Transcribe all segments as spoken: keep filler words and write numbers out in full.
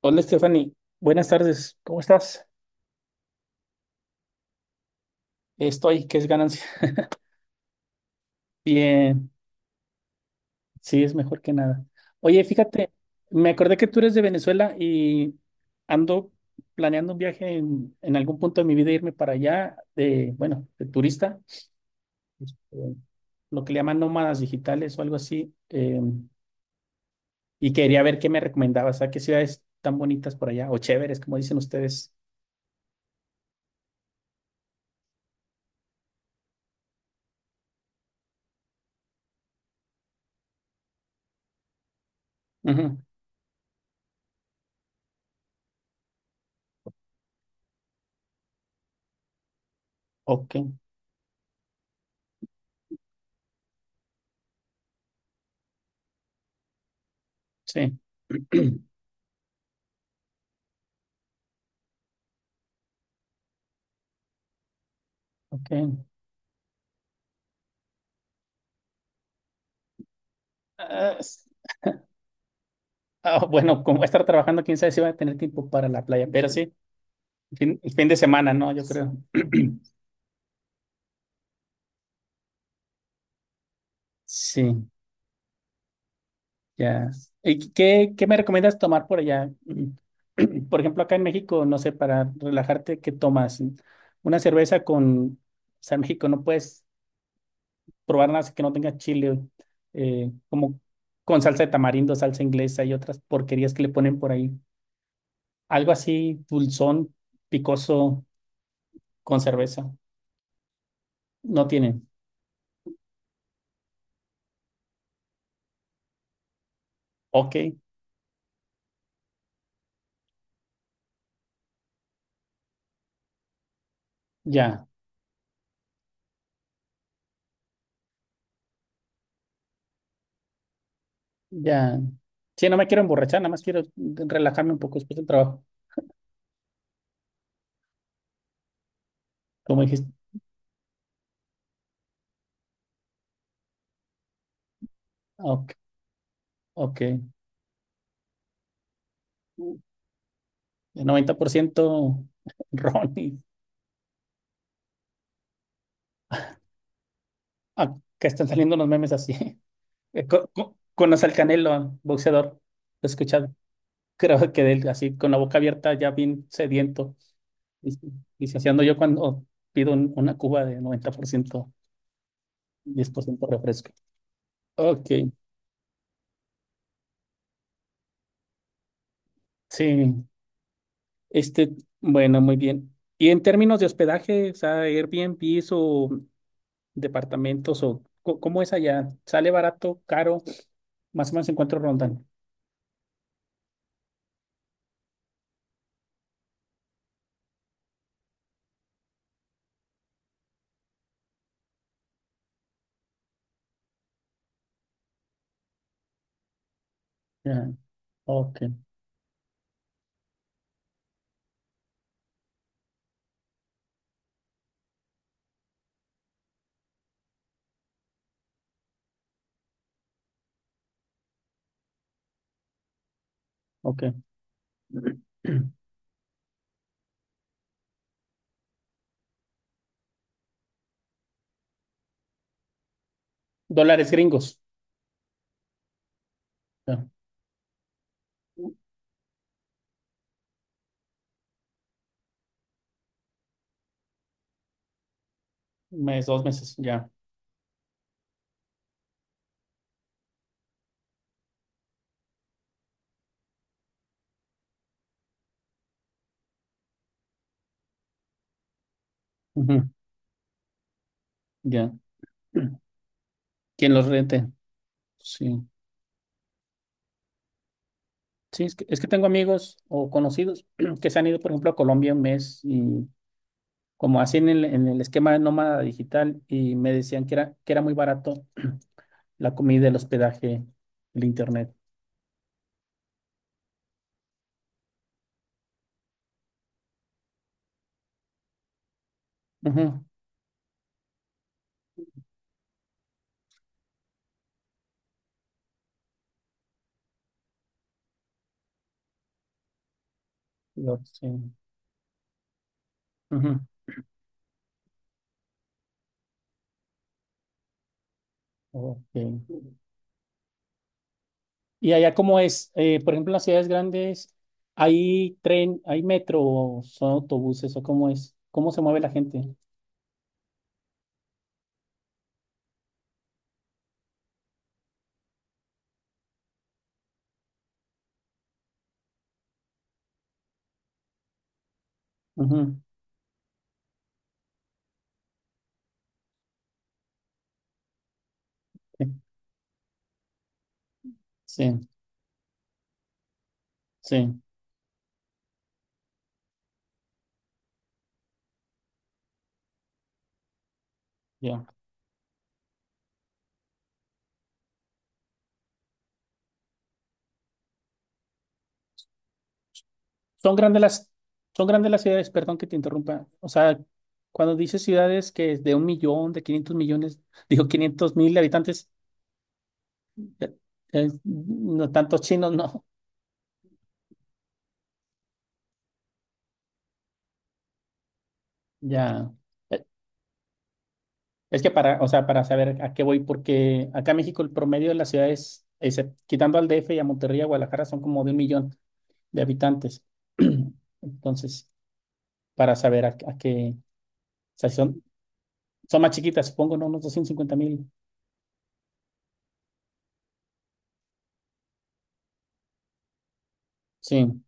Hola, Stephanie. Buenas tardes. ¿Cómo estás? Estoy, que es ganancia. Bien, sí, es mejor que nada. Oye, fíjate, me acordé que tú eres de Venezuela y ando planeando un viaje en, en algún punto de mi vida, irme para allá, de, bueno, de turista, este, lo que le llaman nómadas digitales o algo así. Eh, y quería ver qué me recomendabas, a qué ciudades tan bonitas por allá, o chéveres, como dicen ustedes. Ujú. Ok, sí, ok. Ah. Ah, bueno, como voy a estar trabajando, quién sabe si voy a tener tiempo para la playa, pero sí, fin, el fin de semana, ¿no? Yo creo. Sí, ya. ¿Y qué, qué me recomiendas tomar por allá? Por ejemplo, acá en México, no sé, para relajarte, ¿qué tomas? Una cerveza con, o sea, en México no puedes probar nada si que no tenga chile, eh, como con salsa de tamarindo, salsa inglesa y otras porquerías que le ponen por ahí. Algo así, dulzón, picoso, con cerveza. No tienen. Ok, ya. Ya. Sí, no me quiero emborrachar, nada más quiero relajarme un poco después del trabajo, como dijiste. Ok, ok. El noventa por ciento ron y acá están saliendo unos memes así. Eh, co- co- Conoce al Canelo, boxeador, lo he escuchado. Creo que de él, así con la boca abierta, ya bien sediento. Y, y si así ando yo cuando pido un- una cuba de noventa por ciento, diez por ciento refresco. Ok, sí. Este, bueno, muy bien. Y en términos de hospedaje, o sea, Airbnb o departamentos o co- cómo es allá, ¿sale barato, caro? Más o menos en cuánto rondan. Ya. Ok, ok. Dólares gringos. Ya. Un mes, dos meses, ya. Ujú. Ya. ¿Quién los rente? Sí. Sí, es que, es que tengo amigos o conocidos que se han ido, por ejemplo, a Colombia un mes y como hacen en el, en el esquema de nómada digital y me decían que era, que era muy barato. La comida, el hospedaje, el internet. Ujú, lo- sí, ujú, ok. Y allá cómo es. Eh, por ejemplo, en las ciudades grandes, ¿hay tren, hay metro o son autobuses o cómo es? ¿Cómo se mueve la gente? Ujú. Sí, sí, sí, ya. Son grandes las, son grandes las ciudades, perdón que te interrumpa. O sea, cuando dices ciudades que es de un millón, de quinientos millones, digo quinientos mil habitantes, eh, eh, no tantos chinos, no. Ya. Es que para, o sea, para saber a qué voy, porque acá en México el promedio de las ciudades, excep- quitando al D F y a Monterrey y a Guadalajara, son como de un millón de habitantes. Entonces, para saber a, a qué, o sea, si son, son más chiquitas, supongo, ¿no? Unos doscientos cincuenta mil. Sí.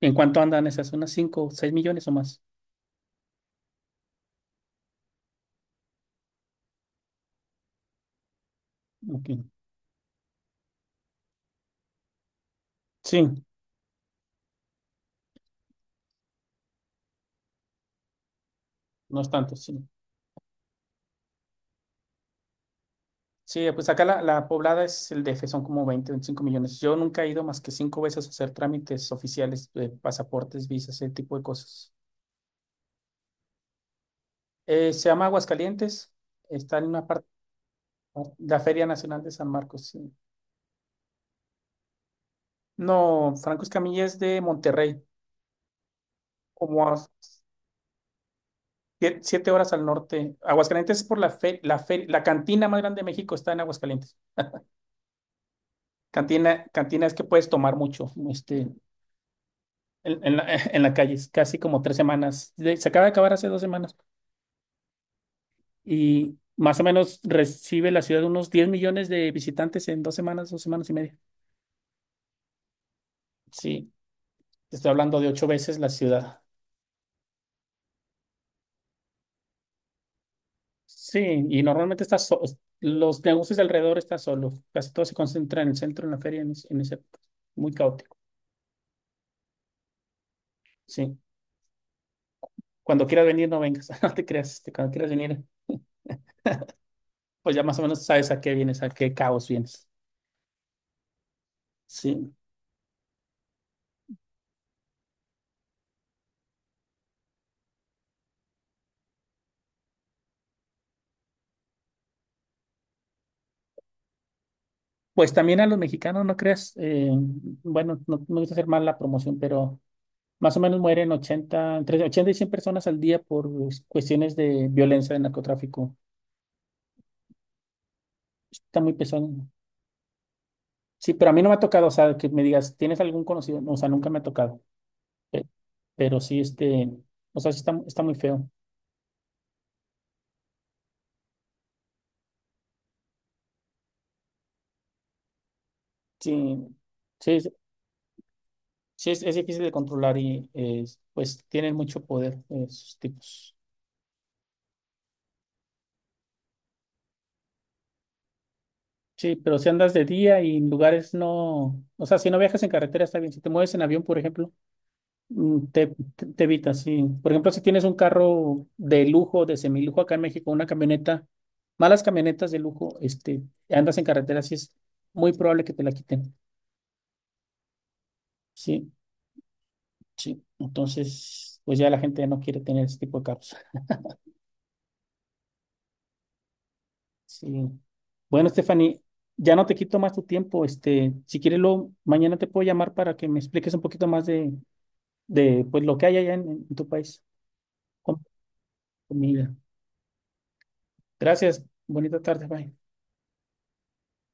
¿En cuánto andan esas? ¿Unas cinco, seis millones o más? Ok. Sí, no es tanto, sí. Sí, pues acá la, la poblada es el D F, son como veinte, veinticinco millones. Yo nunca he ido más que cinco veces a hacer trámites oficiales de pasaportes, visas, ese tipo de cosas. Eh, se llama Aguascalientes, está en una parte, la Feria Nacional de San Marcos. Sí. No, Franco Escamilla es de Monterrey, como a sie- siete horas al norte. Aguascalientes es por la fe, la fe- la cantina más grande de México está en Aguascalientes. Cantina, cantina es que puedes tomar mucho, este, en, en la, en la calle, es casi como tres semanas. De- Se acaba de acabar hace dos semanas y más o menos recibe la ciudad unos diez millones de visitantes en dos semanas, dos semanas y media. Sí, te estoy hablando de ocho veces la ciudad. Sí, y normalmente está so- los negocios de alrededor están solos. Casi todo se concentra en el centro, en la feria, en, ese, en ese, muy caótico. Sí. Cuando quieras venir, no vengas. No te creas. Este, cuando quieras venir, pues ya más o menos sabes a qué vienes, a qué caos vienes. Sí. Pues también a los mexicanos, no creas. Eh, bueno, no no me gusta hacer mal la promoción, pero más o menos mueren ochenta, entre ochenta y cien personas al día por cuestiones de violencia, de narcotráfico. Está muy pesado. Sí, pero a mí no me ha tocado, o sea, que me digas, ¿tienes algún conocido? No, o sea, nunca me ha tocado. Pe- Pero sí, este, o sea, sí está, está muy feo. Sí, sí, es, sí es, es difícil de controlar y eh, pues tienen mucho poder, eh, esos tipos. Sí, pero si andas de día y en lugares no, o sea, si no viajas en carretera está bien. Si te mueves en avión, por ejemplo, mm, te, te, te evitas, sí. Por ejemplo, si tienes un carro de lujo, de semilujo acá en México, una camioneta, malas camionetas de lujo, este, andas en carretera, sí es muy probable que te la quiten. Sí. Sí, entonces, pues ya la gente no quiere tener ese tipo de carros. Sí. Bueno, Stephanie, ya no te quito más tu tiempo. Este, si quieres, lo, mañana te puedo llamar para que me expliques un poquito más de, de pues, lo que hay allá en, en tu país con comida. Gracias. Bonita tarde. Bye.